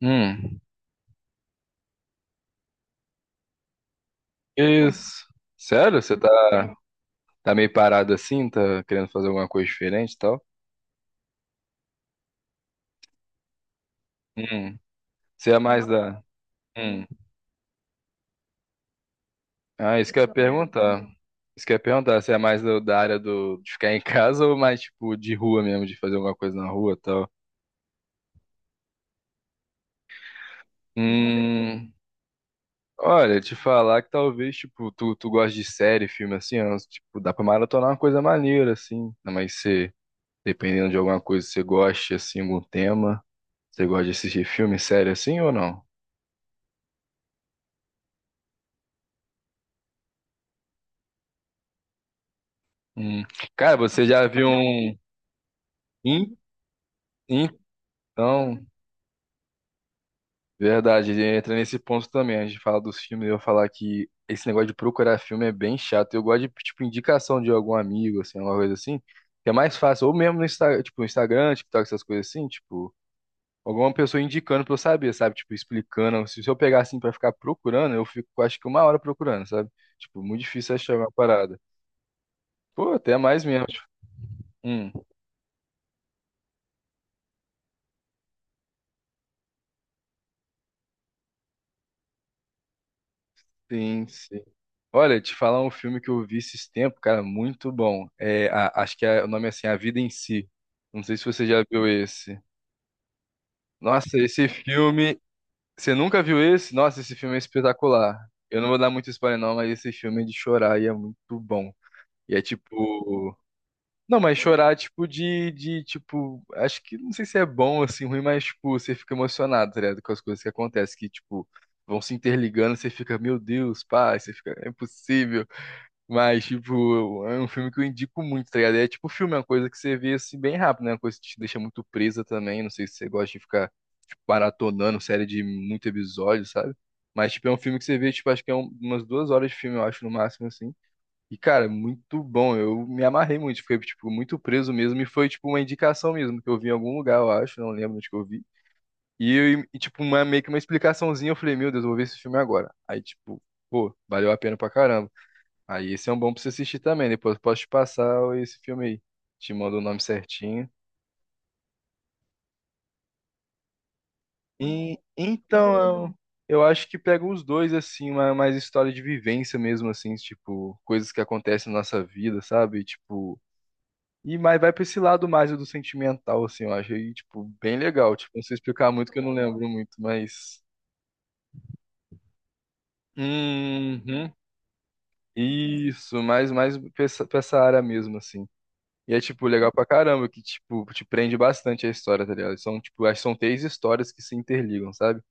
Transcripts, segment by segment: Hum, que isso? Sério? Você tá meio parado assim? Tá querendo fazer alguma coisa diferente e tal? Hum, você é mais da. Hum. Ah, isso que eu ia perguntar. Isso que eu ia perguntar, você é mais da área do, de ficar em casa ou mais tipo de rua mesmo, de fazer alguma coisa na rua e tal? Hum, olha, te falar que talvez, tipo, tu gosta de série, filme assim, ó, tipo, dá pra maratonar uma coisa maneira, assim, né? Mas se, dependendo de alguma coisa que você goste, assim, algum tema, você gosta de assistir filme, série assim ou não? Hum. Cara, você já viu um. Hum? Então, verdade, entra nesse ponto também. A gente fala dos filmes, eu vou falar que esse negócio de procurar filme é bem chato. Eu gosto de, tipo, indicação de algum amigo, assim, alguma coisa assim, que é mais fácil. Ou mesmo no Instagram, tipo, no Instagram, TikTok, essas coisas assim, tipo, alguma pessoa indicando pra eu saber, sabe? Tipo, explicando. Se eu pegar assim pra ficar procurando, eu fico, acho que uma hora procurando, sabe? Tipo, muito difícil achar uma parada. Pô, até mais mesmo. Tipo, hum. Sim, sim. Olha, te falar um filme que eu vi esses tempos, cara, muito bom. É, acho que o nome é assim, A Vida em Si. Não sei se você já viu esse. Nossa, esse filme. Você nunca viu esse? Nossa, esse filme é espetacular. Eu não vou dar muito spoiler, não, mas esse filme é de chorar e é muito bom. E é tipo. Não, mas chorar, é tipo, tipo, acho que não sei se é bom, assim, ruim, mas, tipo, você fica emocionado, tá ligado? Com as coisas que acontecem, que, tipo, vão se interligando, você fica, meu Deus, pai, você fica, é impossível. Mas, tipo, é um filme que eu indico muito, tá ligado? É tipo filme, é uma coisa que você vê assim bem rápido, né? Uma coisa que te deixa muito presa também. Não sei se você gosta de ficar, tipo, maratonando série de muito episódio, sabe? Mas, tipo, é um filme que você vê, tipo, acho que é umas duas horas de filme, eu acho, no máximo, assim. E, cara, é muito bom. Eu me amarrei muito, fiquei, tipo, muito preso mesmo. E foi, tipo, uma indicação mesmo, que eu vi em algum lugar, eu acho, não lembro onde que eu vi. E, e tipo, uma, meio que uma explicaçãozinha, eu falei, meu Deus, eu vou ver esse filme agora. Aí, tipo, pô, valeu a pena pra caramba. Aí esse é um bom pra você assistir também. Depois eu posso te passar esse filme aí. Te mando o nome certinho. E, então, eu acho que pega os dois, assim, uma mais história de vivência mesmo, assim, tipo, coisas que acontecem na nossa vida, sabe? Tipo, e mais vai pra esse lado mais do sentimental, assim, eu acho. E, tipo, bem legal. Tipo, não sei explicar muito que eu não lembro muito, mas. Uhum. Isso, mais, mais pra essa área mesmo, assim. E é, tipo, legal pra caramba, que, tipo, te prende bastante a história, tá ligado? São, tipo, acho que são três histórias que se interligam, sabe?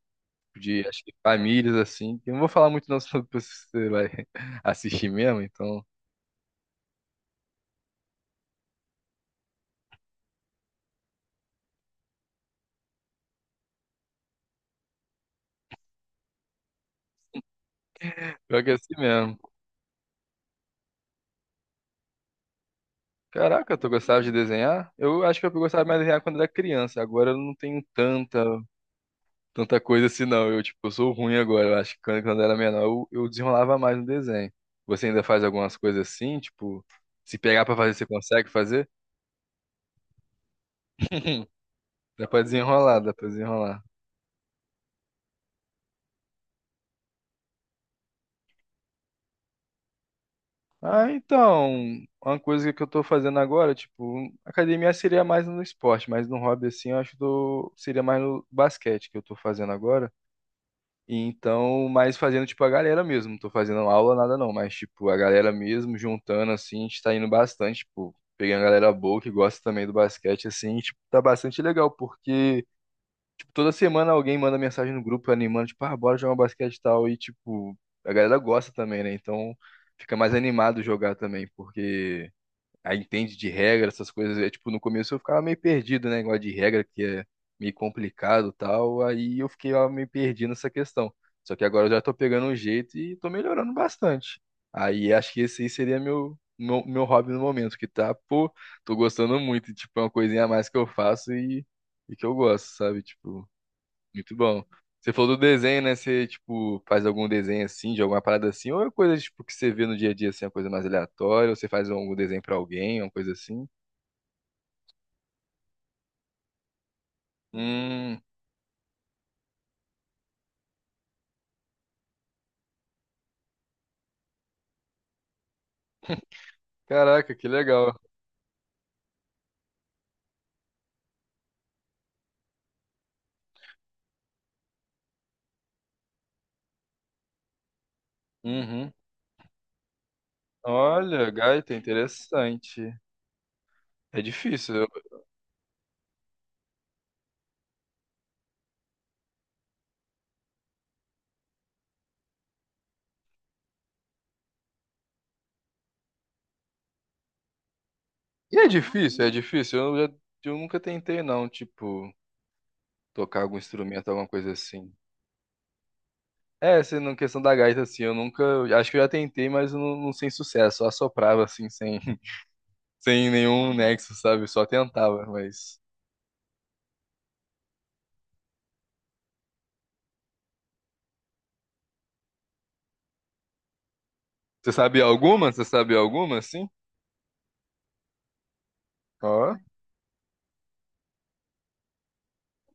De, acho que famílias, assim. Eu não vou falar muito não, senão depois você vai assistir mesmo, então. Pior que é assim mesmo. Caraca, tu gostava de desenhar? Eu acho que eu gostava mais de desenhar quando era criança. Agora eu não tenho tanta, tanta coisa assim, não. Eu, tipo, eu sou ruim agora. Eu acho que quando eu era menor, eu desenrolava mais no desenho. Você ainda faz algumas coisas assim, tipo. Se pegar pra fazer, você consegue fazer? Dá pra desenrolar, dá pra desenrolar. Ah, então, uma coisa que eu tô fazendo agora, tipo, academia seria mais no esporte, mas no hobby, assim, eu acho que eu seria mais no basquete que eu tô fazendo agora. E então, mais fazendo, tipo, a galera mesmo. Não tô fazendo aula, nada não, mas, tipo, a galera mesmo, juntando, assim, a gente tá indo bastante, tipo, pegando a galera boa que gosta também do basquete, assim, e, tipo, tá bastante legal, porque. Tipo, toda semana alguém manda mensagem no grupo animando, tipo, ah, bora jogar um basquete e tal. E, tipo, a galera gosta também, né? Então fica mais animado jogar também, porque aí entende de regra, essas coisas. É, tipo, no começo eu ficava meio perdido, né? Negócio de regra, que é meio complicado e tal. Aí eu fiquei ó, meio perdido nessa questão. Só que agora eu já tô pegando um jeito e tô melhorando bastante. Aí acho que esse aí seria meu. Meu hobby no momento, que tá, pô, tô gostando muito, tipo, é uma coisinha a mais que eu faço e que eu gosto, sabe? Tipo, muito bom. Você falou do desenho, né? Você, tipo, faz algum desenho assim, de alguma parada assim, ou é coisa, tipo, que você vê no dia a dia, assim, uma coisa mais aleatória, ou você faz algum desenho pra alguém, uma coisa assim? Hum, caraca, que legal. Uhum. Olha, gaita, interessante. É difícil. E é difícil, é difícil. Eu, já, eu nunca tentei, não, tipo, tocar algum instrumento, alguma coisa assim. É, assim, na questão da gaita, assim, eu nunca. Acho que eu já tentei, mas eu não, não sem sucesso. Só assoprava, assim, sem. Sem nenhum nexo, sabe? Só tentava, mas. Você sabe alguma? Você sabe alguma, assim? Ó,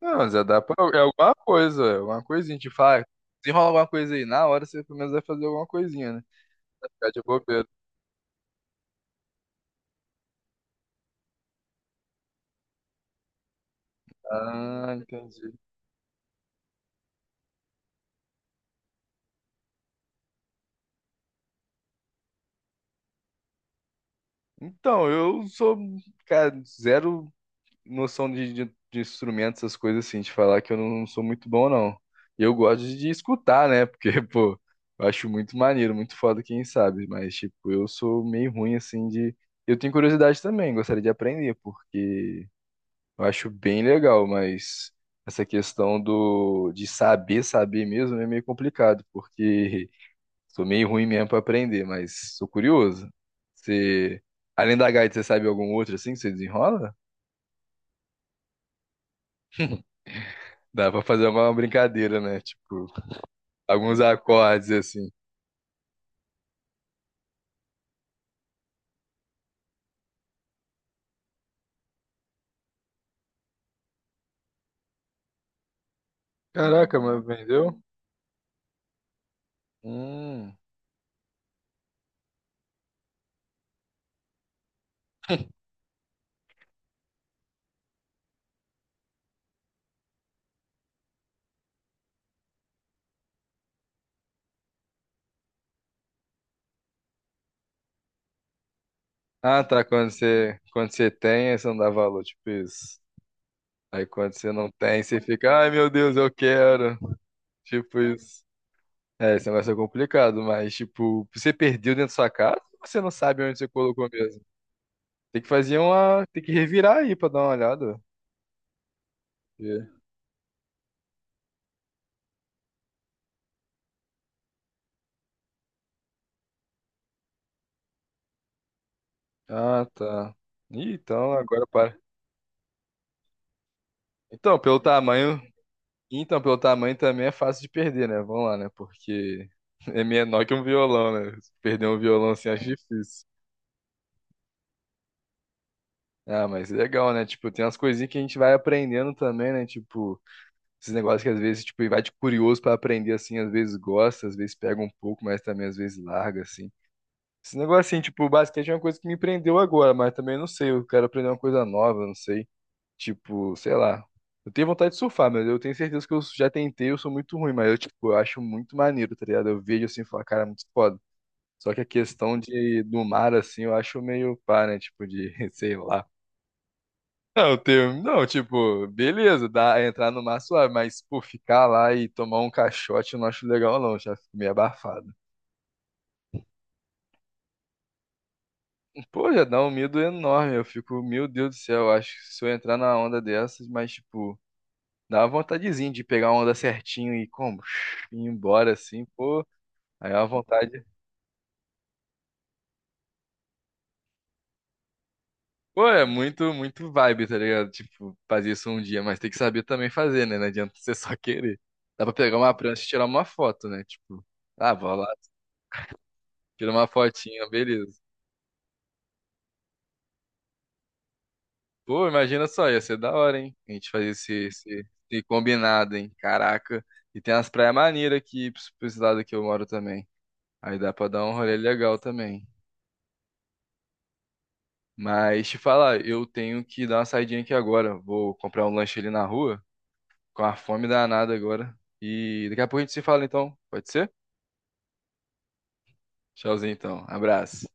não, já dá pra. É alguma coisa, é alguma coisinha. Tipo, ah, se rola alguma coisa aí, na hora você pelo menos vai fazer alguma coisinha, né? Vai ficar de bobeira. Ah, entendi. Então, eu sou, cara, zero. Noção de instrumentos, essas coisas assim, de falar que eu não, não sou muito bom, não. E eu gosto de escutar, né? Porque, pô, eu acho muito maneiro, muito foda quem sabe, mas, tipo, eu sou meio ruim, assim, de. Eu tenho curiosidade também, gostaria de aprender, porque eu acho bem legal, mas essa questão do de saber mesmo é meio complicado, porque sou meio ruim mesmo pra aprender, mas sou curioso. Você, além da gaita, você sabe algum outro assim que você desenrola? Dá pra fazer uma brincadeira, né? Tipo, alguns acordes assim. Caraca, mas vendeu? Hum. Ah, tá. Quando você tem, aí você não dá valor, tipo isso. Aí quando você não tem, você fica, ai meu Deus, eu quero. Tipo isso. É, esse negócio é complicado, mas tipo, você perdeu dentro da sua casa ou você não sabe onde você colocou mesmo? Tem que fazer uma. Tem que revirar aí pra dar uma olhada. Ver. Ah, tá. Ih, então agora para. Então, pelo tamanho. Então, pelo tamanho também é fácil de perder, né? Vamos lá, né? Porque é menor que um violão, né? Perder um violão assim acho difícil. Ah, mas é legal, né? Tipo, tem umas coisinhas que a gente vai aprendendo também, né? Tipo, esses negócios que às vezes, tipo, vai de curioso pra aprender assim, às vezes gosta, às vezes pega um pouco, mas também às vezes larga, assim. Esse negócio assim, tipo, o basquete é uma coisa que me prendeu agora, mas também não sei, eu quero aprender uma coisa nova, não sei. Tipo, sei lá. Eu tenho vontade de surfar, mas eu tenho certeza que eu já tentei, eu sou muito ruim, mas eu, tipo, eu acho muito maneiro, tá ligado? Eu vejo assim e falo, cara, é muito foda. Só que a questão de do mar, assim, eu acho meio pá, né? Tipo, de, sei lá. Não, eu tenho, não, tipo, beleza, dá, entrar no mar é suave, mas, pô, ficar lá e tomar um caixote eu não acho legal, não, já fico meio abafado. Pô, já dá um medo enorme, eu fico, meu Deus do céu, eu acho que se eu entrar na onda dessas, mas, tipo. Dá uma vontadezinha de pegar uma onda certinho e como, ir embora assim, pô. Aí é uma vontade. Pô, é muito vibe, tá ligado? Tipo, fazer isso um dia, mas tem que saber também fazer, né? Não adianta você só querer. Dá pra pegar uma prancha e tirar uma foto, né? Tipo, ah, vou lá, tira uma fotinha, beleza. Pô, imagina só, ia ser da hora, hein? A gente fazer esse combinado, hein? Caraca. E tem umas praias maneiras aqui, pra esse lado que eu moro também. Aí dá pra dar um rolê legal também. Mas te falar, eu tenho que dar uma saidinha aqui agora. Vou comprar um lanche ali na rua, com a fome danada agora. E daqui a pouco a gente se fala então. Pode ser? Tchauzinho então. Abraço.